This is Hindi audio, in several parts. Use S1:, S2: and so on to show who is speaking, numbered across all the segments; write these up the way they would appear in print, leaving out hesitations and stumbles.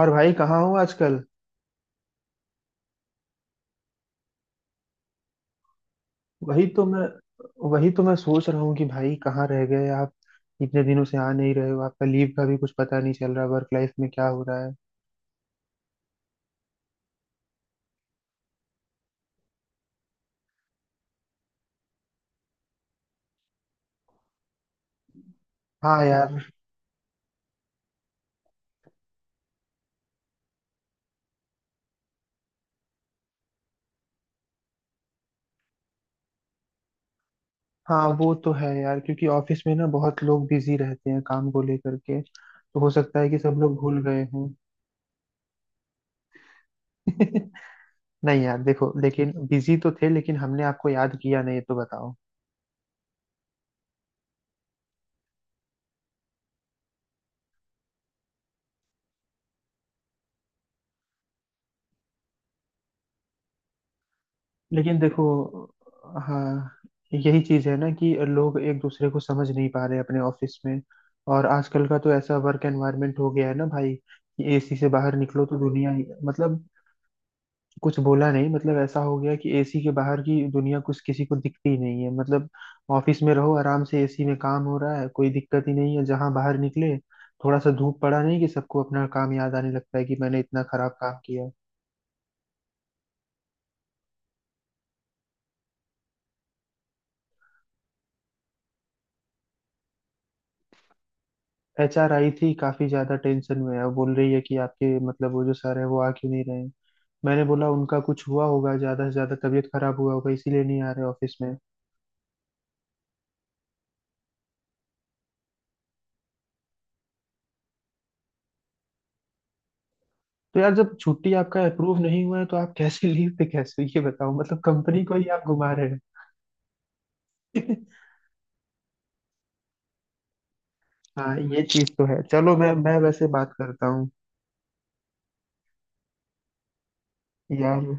S1: और भाई कहाँ हो आजकल। वही तो मैं वही तो मैं सोच रहा हूँ कि भाई कहाँ रह गए आप। इतने दिनों से आ नहीं रहे हो, आपका लीव का भी कुछ पता नहीं चल रहा, वर्क लाइफ में क्या हो रहा है। हाँ यार। हाँ वो तो है यार, क्योंकि ऑफिस में ना बहुत लोग बिजी रहते हैं काम को लेकर के, तो हो सकता है कि सब लोग भूल गए हों। नहीं यार, देखो लेकिन बिजी तो थे, लेकिन हमने आपको याद किया नहीं, ये तो बताओ। लेकिन देखो। हाँ, यही चीज है ना कि लोग एक दूसरे को समझ नहीं पा रहे अपने ऑफिस में। और आजकल का तो ऐसा वर्क एनवायरनमेंट हो गया है ना भाई, कि एसी से बाहर निकलो तो मतलब, कुछ बोला नहीं, मतलब ऐसा हो गया कि एसी के बाहर की दुनिया कुछ किसी को दिखती ही नहीं है, मतलब ऑफिस में रहो आराम से, एसी में काम हो रहा है, कोई दिक्कत ही नहीं है। जहां बाहर निकले, थोड़ा सा धूप पड़ा नहीं कि सबको अपना काम याद आने लगता है कि मैंने इतना खराब काम किया। एचआर आई थी, काफी ज्यादा टेंशन में है। वो बोल रही है कि आपके मतलब वो जो सर है वो आ क्यों नहीं रहे हैं। मैंने बोला उनका कुछ हुआ होगा, ज्यादा से ज्यादा तबीयत खराब हुआ होगा, इसीलिए नहीं आ रहे ऑफिस में। तो यार जब छुट्टी आपका अप्रूव नहीं हुआ है तो आप कैसे लीव पे, कैसे, ये बताओ, मतलब कंपनी को ही आप घुमा रहे हैं। हाँ ये चीज तो है। चलो, मैं वैसे बात करता हूँ। यार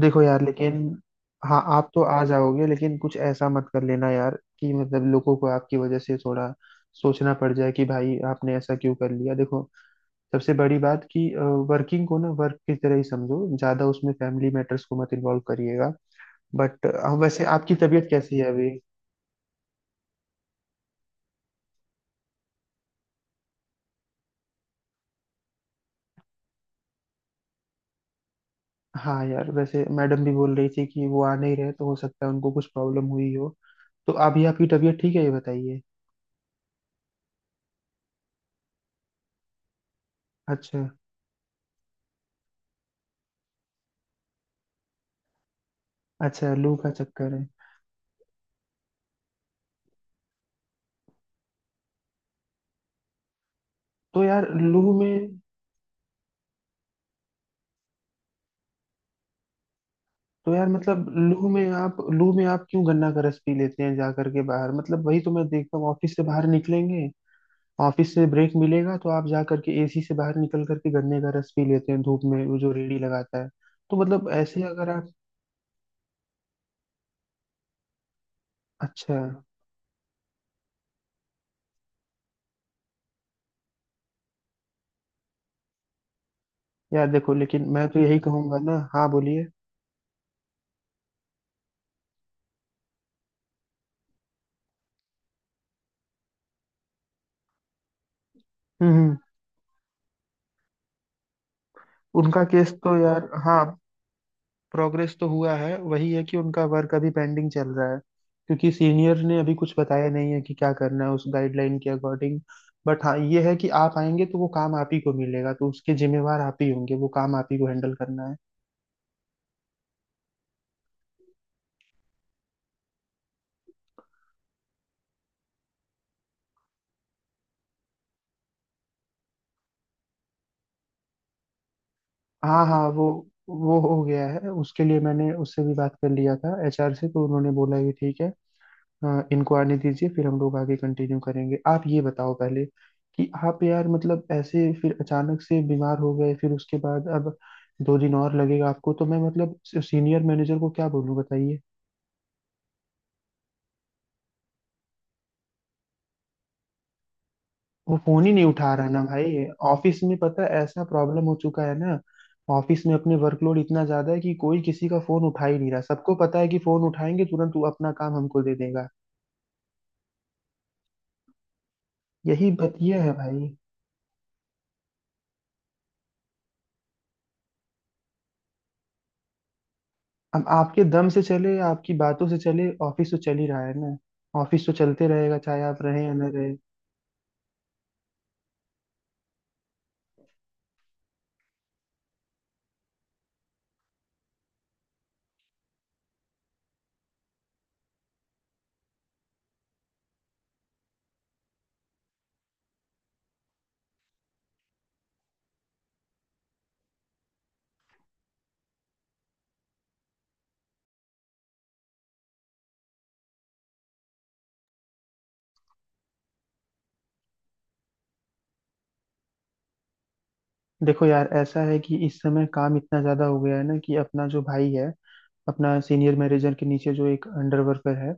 S1: देखो यार लेकिन। हाँ आप तो आ जाओगे, लेकिन कुछ ऐसा मत कर लेना यार कि मतलब लोगों को आपकी वजह से थोड़ा सोचना पड़ जाए कि भाई आपने ऐसा क्यों कर लिया। देखो, सबसे बड़ी बात कि वर्किंग को ना वर्क की तरह ही समझो, ज्यादा उसमें फैमिली मैटर्स को मत इन्वॉल्व करिएगा। बट वैसे आपकी तबीयत कैसी है अभी। हाँ यार, वैसे मैडम भी बोल रही थी कि वो आ नहीं रहे, तो हो सकता है उनको कुछ प्रॉब्लम हुई हो। तो अभी आपकी तबीयत ठीक है, ये बताइए। अच्छा। अच्छा लू का चक्कर है। तो यार लू में। तो यार मतलब लू में आप, लू में आप क्यों गन्ना का रस पी लेते हैं जा करके बाहर, मतलब वही तो मैं देखता हूँ ऑफिस से बाहर निकलेंगे, ऑफिस से ब्रेक मिलेगा तो आप जा करके एसी से बाहर निकल करके गन्ने का रस पी लेते हैं धूप में, वो जो रेड़ी लगाता है। तो मतलब ऐसे अगर आप। अच्छा। यार देखो, लेकिन मैं तो यही कहूंगा ना। हाँ बोलिए। हम्म हम्म। उनका केस तो यार, हाँ प्रोग्रेस तो हुआ है। वही है कि उनका वर्क अभी पेंडिंग चल रहा है, क्योंकि सीनियर ने अभी कुछ बताया नहीं है कि क्या करना है उस गाइडलाइन के अकॉर्डिंग। बट हाँ, ये है कि आप आएंगे तो वो काम आप ही को मिलेगा, तो उसके जिम्मेवार आप ही होंगे, वो काम आप ही को हैंडल करना है। हाँ हाँ वो हो गया है। उसके लिए मैंने उससे भी बात कर लिया था, एचआर से, तो उन्होंने बोला कि ठीक है, हाँ इनको आने दीजिए, फिर हम लोग आगे कंटिन्यू करेंगे। आप ये बताओ पहले कि आप यार मतलब ऐसे फिर अचानक से बीमार हो गए, फिर उसके बाद अब दो दिन और लगेगा आपको, तो मैं मतलब सीनियर मैनेजर को क्या बोलूँ बताइए। वो फोन ही नहीं उठा रहा ना भाई। ऑफिस में पता है ऐसा प्रॉब्लम हो चुका है ना, ऑफिस में अपने वर्कलोड इतना ज्यादा है कि कोई किसी का फोन उठा ही नहीं रहा। सबको पता है कि फोन उठाएंगे तुरंत वो अपना काम हमको दे देगा। यही बतिया है भाई। अब आपके दम से चले या आपकी बातों से चले, ऑफिस तो चल ही रहा है ना। ऑफिस तो चलते रहेगा चाहे आप रहें या ना रहें। देखो यार, ऐसा है कि इस समय काम इतना ज्यादा हो गया है ना, कि अपना जो भाई है, अपना सीनियर मैनेजर के नीचे जो एक अंडर वर्कर है,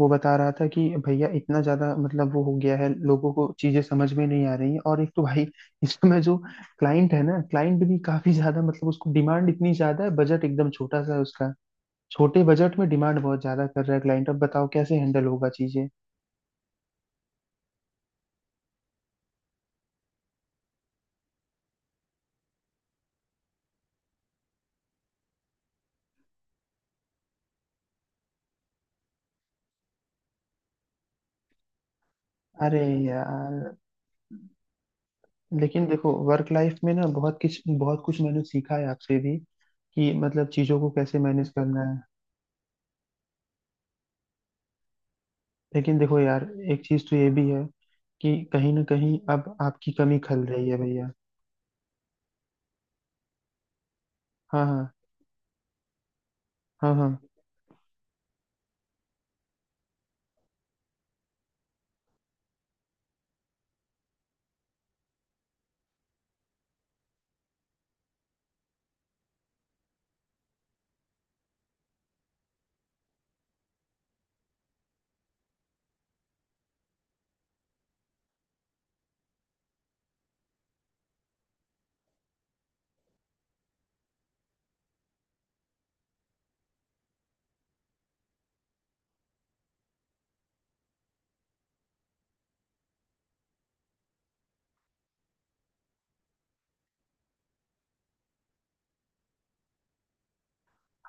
S1: वो बता रहा था कि भैया इतना ज्यादा मतलब वो हो गया है, लोगों को चीजें समझ में नहीं आ रही है। और एक तो भाई इस समय जो क्लाइंट है ना, क्लाइंट भी काफी ज्यादा, मतलब उसको डिमांड इतनी ज्यादा है, बजट एकदम छोटा सा है उसका। छोटे बजट में डिमांड बहुत ज्यादा कर रहा है क्लाइंट, अब बताओ कैसे हैंडल होगा चीजें। अरे यार, लेकिन देखो वर्क लाइफ में ना बहुत कुछ मैंने सीखा है आपसे भी, कि मतलब चीज़ों को कैसे मैनेज करना है। लेकिन देखो यार, एक चीज़ तो ये भी है कि कहीं ना कहीं अब आपकी कमी खल रही है भैया। हाँ हाँ। हाँ हाँ।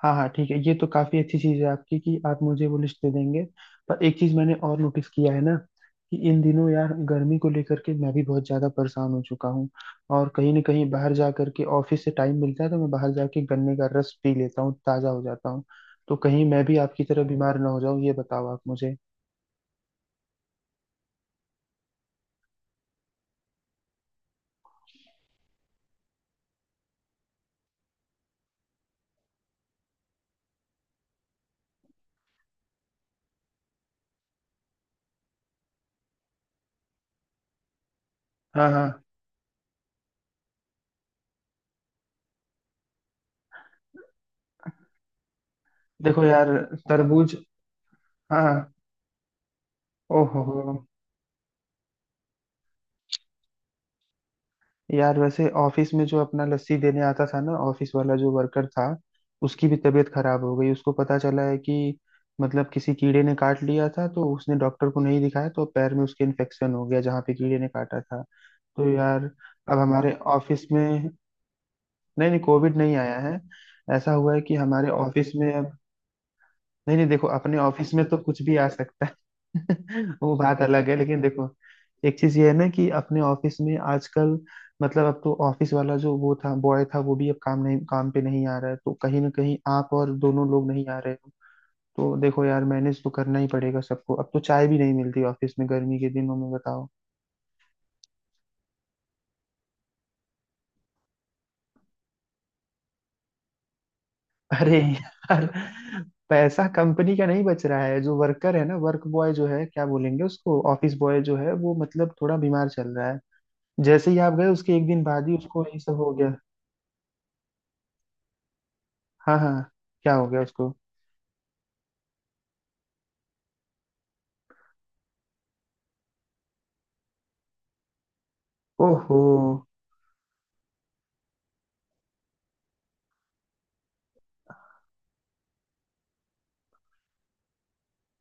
S1: हाँ हाँ, ठीक है, ये तो काफी अच्छी चीज है आपकी कि आप मुझे वो लिस्ट दे देंगे। पर एक चीज मैंने और नोटिस किया है ना, कि इन दिनों यार गर्मी को लेकर के मैं भी बहुत ज्यादा परेशान हो चुका हूँ। और कहीं ना कहीं बाहर जा करके ऑफिस से टाइम मिलता है तो मैं बाहर जाके गन्ने का रस पी लेता हूँ, ताजा हो जाता हूँ। तो कहीं मैं भी आपकी तरह बीमार ना हो जाऊं, ये बताओ आप मुझे। हाँ हाँ। देखो यार, तरबूज। हाँ। ओहो। यार वैसे ऑफिस में जो अपना लस्सी देने आता था ना, ऑफिस वाला जो वर्कर था, उसकी भी तबीयत खराब हो गई। उसको पता चला है कि मतलब किसी कीड़े ने काट लिया था, तो उसने डॉक्टर को नहीं दिखाया, तो पैर में उसके इन्फेक्शन हो गया जहाँ पे कीड़े ने काटा था। तो यार। अब हमारे ऑफिस में, नहीं नहीं कोविड नहीं आया है। ऐसा हुआ है कि हमारे ऑफिस में अब, नहीं नहीं, देखो अपने ऑफिस में तो कुछ भी आ सकता है। वो बात अलग है, लेकिन देखो, एक चीज ये है ना कि अपने ऑफिस में आजकल, मतलब अब तो ऑफिस वाला जो वो था, बॉय था, वो भी अब काम नहीं, काम पे नहीं आ रहा है, तो कहीं ना कहीं आप और दोनों लोग नहीं आ रहे हो। तो देखो यार मैनेज तो करना ही पड़ेगा सबको, अब तो चाय भी नहीं मिलती ऑफिस में गर्मी के दिनों में, बताओ। अरे यार, पैसा कंपनी का नहीं बच रहा है। जो वर्कर है ना, वर्क बॉय जो है, क्या बोलेंगे उसको, ऑफिस बॉय जो है, वो मतलब थोड़ा बीमार चल रहा है। जैसे ही आप गए उसके एक दिन बाद ही उसको ये सब हो गया। हाँ हाँ। क्या हो गया उसको। ओहो।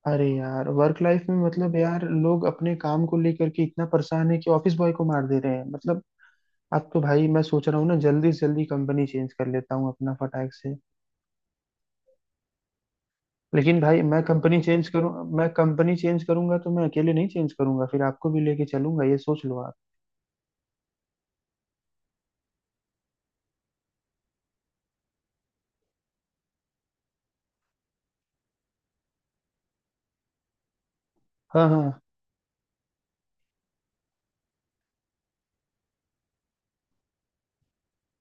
S1: अरे यार, वर्क लाइफ में मतलब यार लोग अपने काम को लेकर के इतना परेशान है कि ऑफिस बॉय को मार दे रहे हैं, मतलब। अब तो भाई मैं सोच रहा हूँ ना जल्दी से जल्दी कंपनी चेंज कर लेता हूँ अपना फटाक से। लेकिन भाई मैं कंपनी चेंज करूँ, मैं कंपनी चेंज करूंगा तो मैं अकेले नहीं चेंज करूंगा, फिर आपको भी लेके चलूंगा, ये सोच लो आप। हाँ हाँ।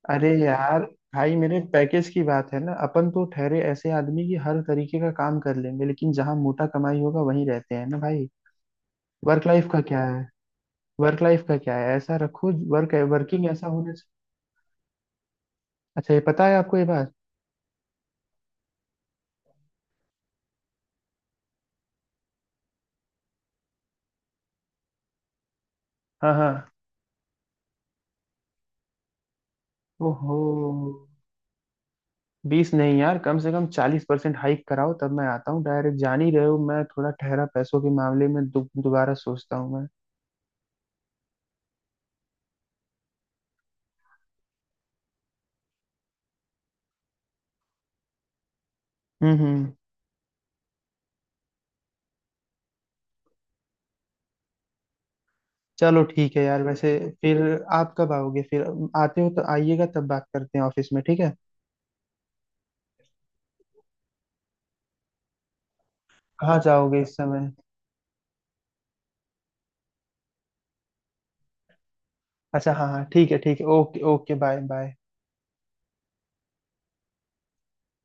S1: अरे यार, भाई मेरे पैकेज की बात है ना, अपन तो ठहरे ऐसे आदमी, की हर तरीके का काम कर लेंगे लेकिन जहां मोटा कमाई होगा वहीं रहते हैं ना भाई। वर्क लाइफ का क्या है। वर्क लाइफ का क्या है, ऐसा रखो, वर्क वर्किंग ऐसा होना चाहिए। अच्छा, ये पता है आपको ये बात। हाँ हाँ। ओहो। 20 नहीं यार, कम से कम 40% हाइक कराओ तब मैं आता हूँ, डायरेक्ट जान ही रहे हो मैं थोड़ा ठहरा पैसों के मामले में, दोबारा सोचता हूँ मैं। हम्म। चलो ठीक है यार। वैसे फिर आप कब आओगे फिर, आते हो तो आइएगा तब बात करते हैं ऑफिस में, ठीक है। कहाँ जाओगे इस समय। अच्छा हाँ हाँ ठीक है ठीक है, ओके ओके, बाय बाय।